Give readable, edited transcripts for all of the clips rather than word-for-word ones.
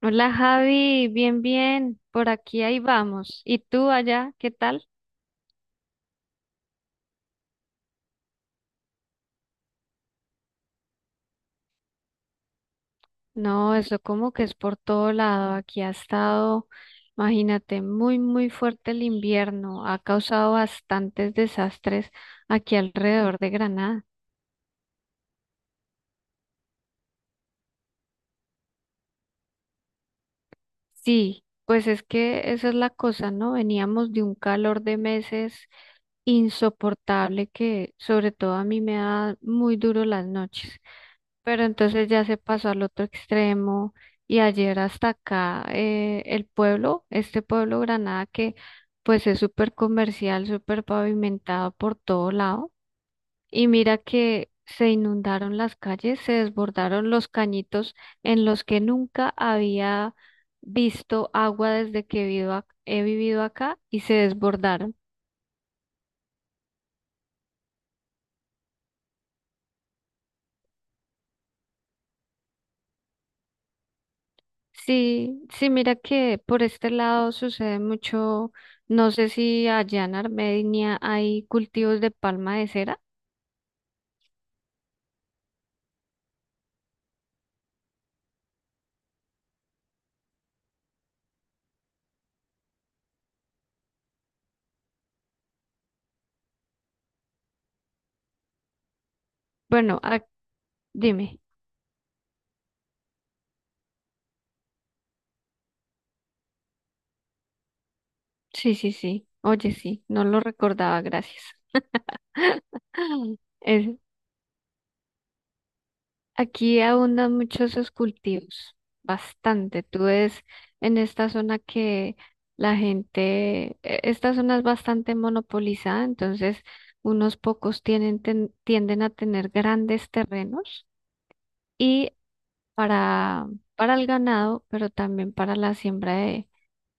Hola Javi, bien, bien, por aquí ahí vamos. ¿Y tú allá, qué tal? No, eso como que es por todo lado. Aquí ha estado, imagínate, muy, muy fuerte el invierno. Ha causado bastantes desastres aquí alrededor de Granada. Sí, pues es que esa es la cosa, ¿no? Veníamos de un calor de meses insoportable que sobre todo a mí me da muy duro las noches. Pero entonces ya se pasó al otro extremo y ayer hasta acá el pueblo, este pueblo Granada que pues es súper comercial, súper pavimentado por todo lado. Y mira que se inundaron las calles, se desbordaron los cañitos en los que nunca había visto agua desde que vivo he vivido acá y se desbordaron. Sí, sí, mira que por este lado sucede mucho, no sé si allá en Armenia hay cultivos de palma de cera. Bueno, dime, sí, sí, sí, oye, sí, no lo recordaba, gracias. Es- Aquí abundan muchos esos cultivos, bastante. Tú ves en esta zona que esta zona es bastante monopolizada, entonces unos pocos tienden a tener grandes terrenos y para, para el ganado, pero también para la siembra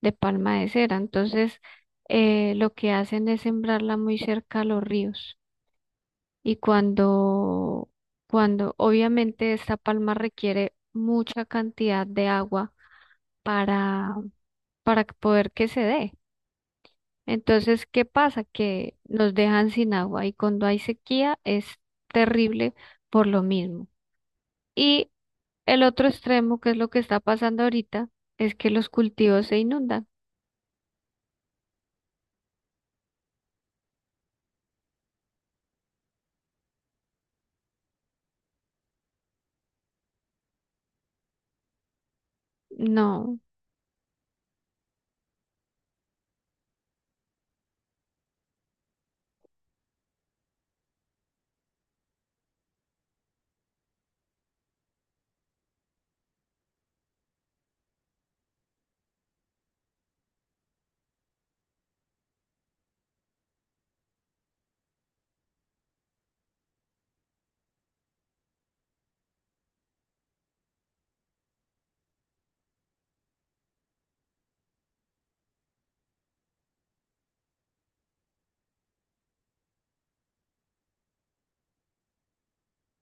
de palma de cera. Entonces, lo que hacen es sembrarla muy cerca a los ríos. Y cuando, cuando obviamente esta palma requiere mucha cantidad de agua para, para que poder que se dé. Entonces, ¿qué pasa? Que nos dejan sin agua y cuando hay sequía es terrible por lo mismo. Y el otro extremo, que es lo que está pasando ahorita, es que los cultivos se inundan. No,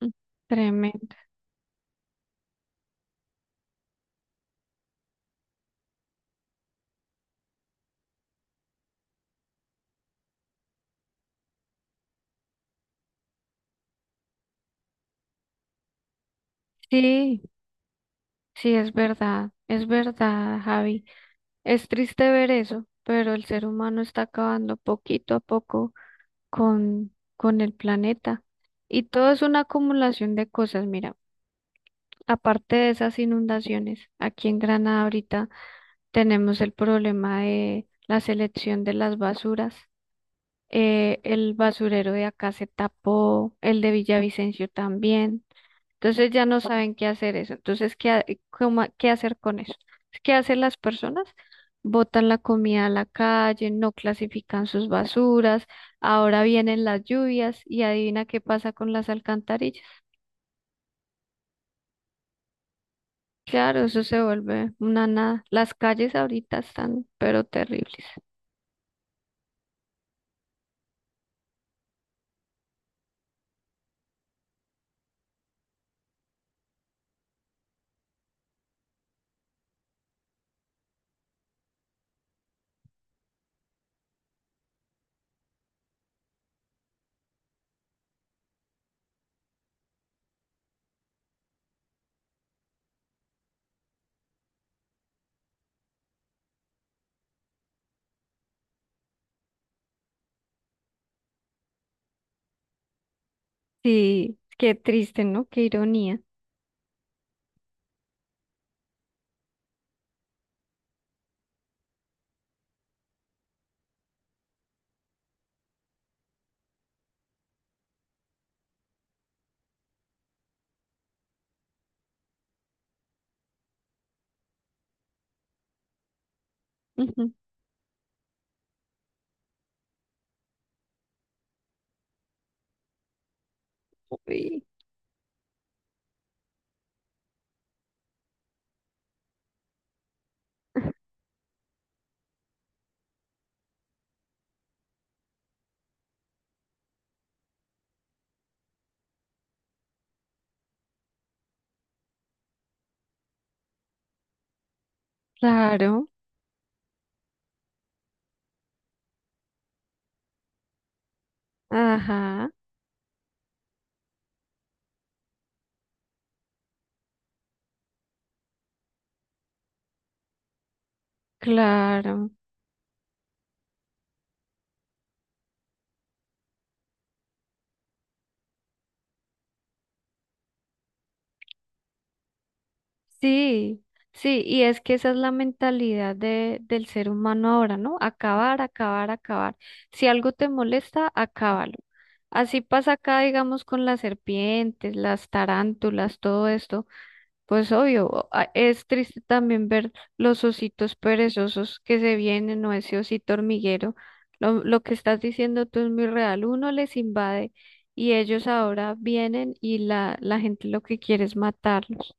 mm, tremendo. Sí, sí, es verdad, Javi. Es triste ver eso, pero el ser humano está acabando poquito a poco con el planeta. Y todo es una acumulación de cosas, mira. Aparte de esas inundaciones, aquí en Granada ahorita tenemos el problema de la selección de las basuras. El basurero de acá se tapó, el de Villavicencio también. Entonces ya no saben qué hacer eso. Entonces, ¿ qué hacer con eso? ¿Qué hacen las personas? Botan la comida a la calle, no clasifican sus basuras, ahora vienen las lluvias y adivina qué pasa con las alcantarillas. Claro, eso se vuelve una nada. Las calles ahorita están, pero terribles. Sí, qué triste, ¿no? Qué ironía. Ujú. Uy, claro. Ajá, claro, sí, sí, y es que esa es la mentalidad de, del ser humano ahora, ¿no? Acabar, acabar, acabar. Si algo te molesta, acábalo. Así pasa acá, digamos, con las serpientes, las tarántulas, todo esto. Pues obvio, es triste también ver los ositos perezosos que se vienen o ese osito hormiguero. Lo que estás diciendo tú es muy real. Uno les invade y ellos ahora vienen y la gente lo que quiere es matarlos.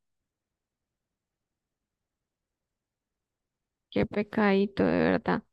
Qué pecadito, de verdad.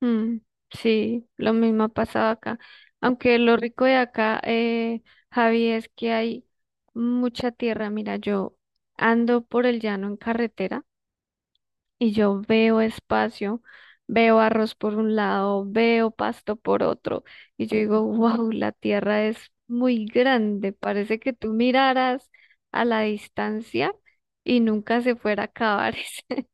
Mm, sí, lo mismo ha pasado acá. Aunque lo rico de acá, Javi, es que hay mucha tierra. Mira, yo ando por el llano en carretera y yo veo espacio, veo arroz por un lado, veo pasto por otro, y yo digo, wow, la tierra es muy grande, parece que tú miraras a la distancia y nunca se fuera a acabar ese,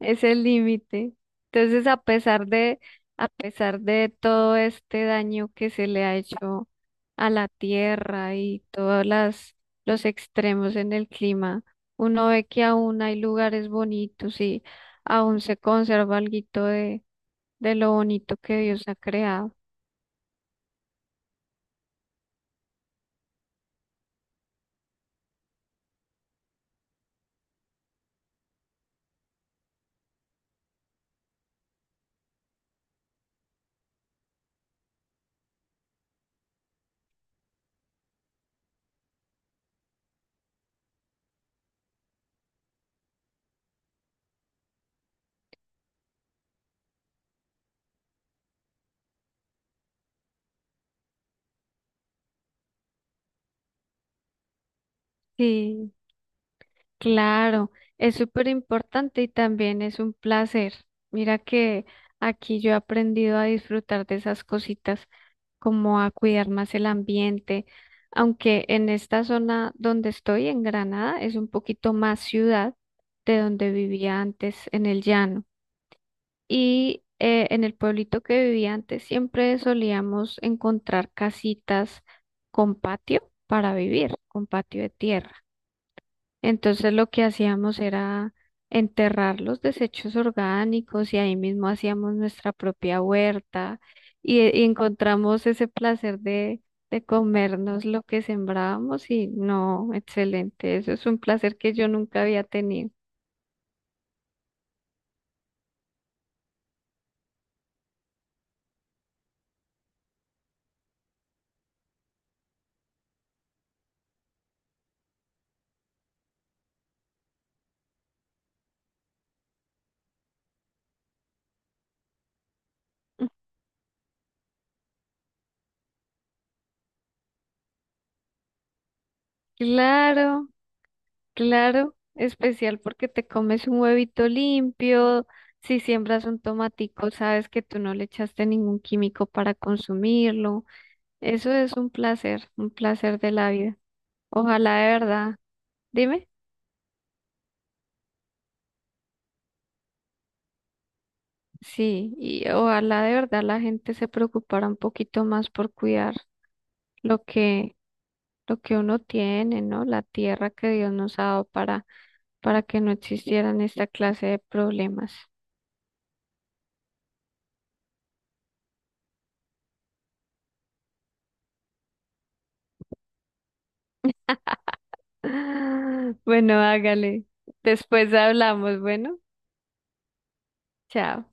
ese límite. Entonces, a pesar de todo este daño que se le ha hecho a la tierra y todos los extremos en el clima, uno ve que aún hay lugares bonitos, aún se conserva alguito de lo bonito que Dios ha creado. Sí, claro, es súper importante y también es un placer. Mira que aquí yo he aprendido a disfrutar de esas cositas, como a cuidar más el ambiente, aunque en esta zona donde estoy, en Granada, es un poquito más ciudad de donde vivía antes en el llano. Y en el pueblito que vivía antes siempre solíamos encontrar casitas con patio para vivir, con patio de tierra. Entonces lo que hacíamos era enterrar los desechos orgánicos y ahí mismo hacíamos nuestra propia huerta y encontramos ese placer de comernos lo que sembrábamos y no, excelente, eso es un placer que yo nunca había tenido. Claro. Claro, especial porque te comes un huevito limpio, si siembras un tomatico, sabes que tú no le echaste ningún químico para consumirlo. Eso es un placer de la vida. Ojalá de verdad, dime, sí, y ojalá de verdad la gente se preocupara un poquito más por cuidar lo que, lo que uno tiene, ¿no? La tierra que Dios nos ha dado para que no existieran esta clase de problemas. Bueno, hágale. Después hablamos. Bueno, chao.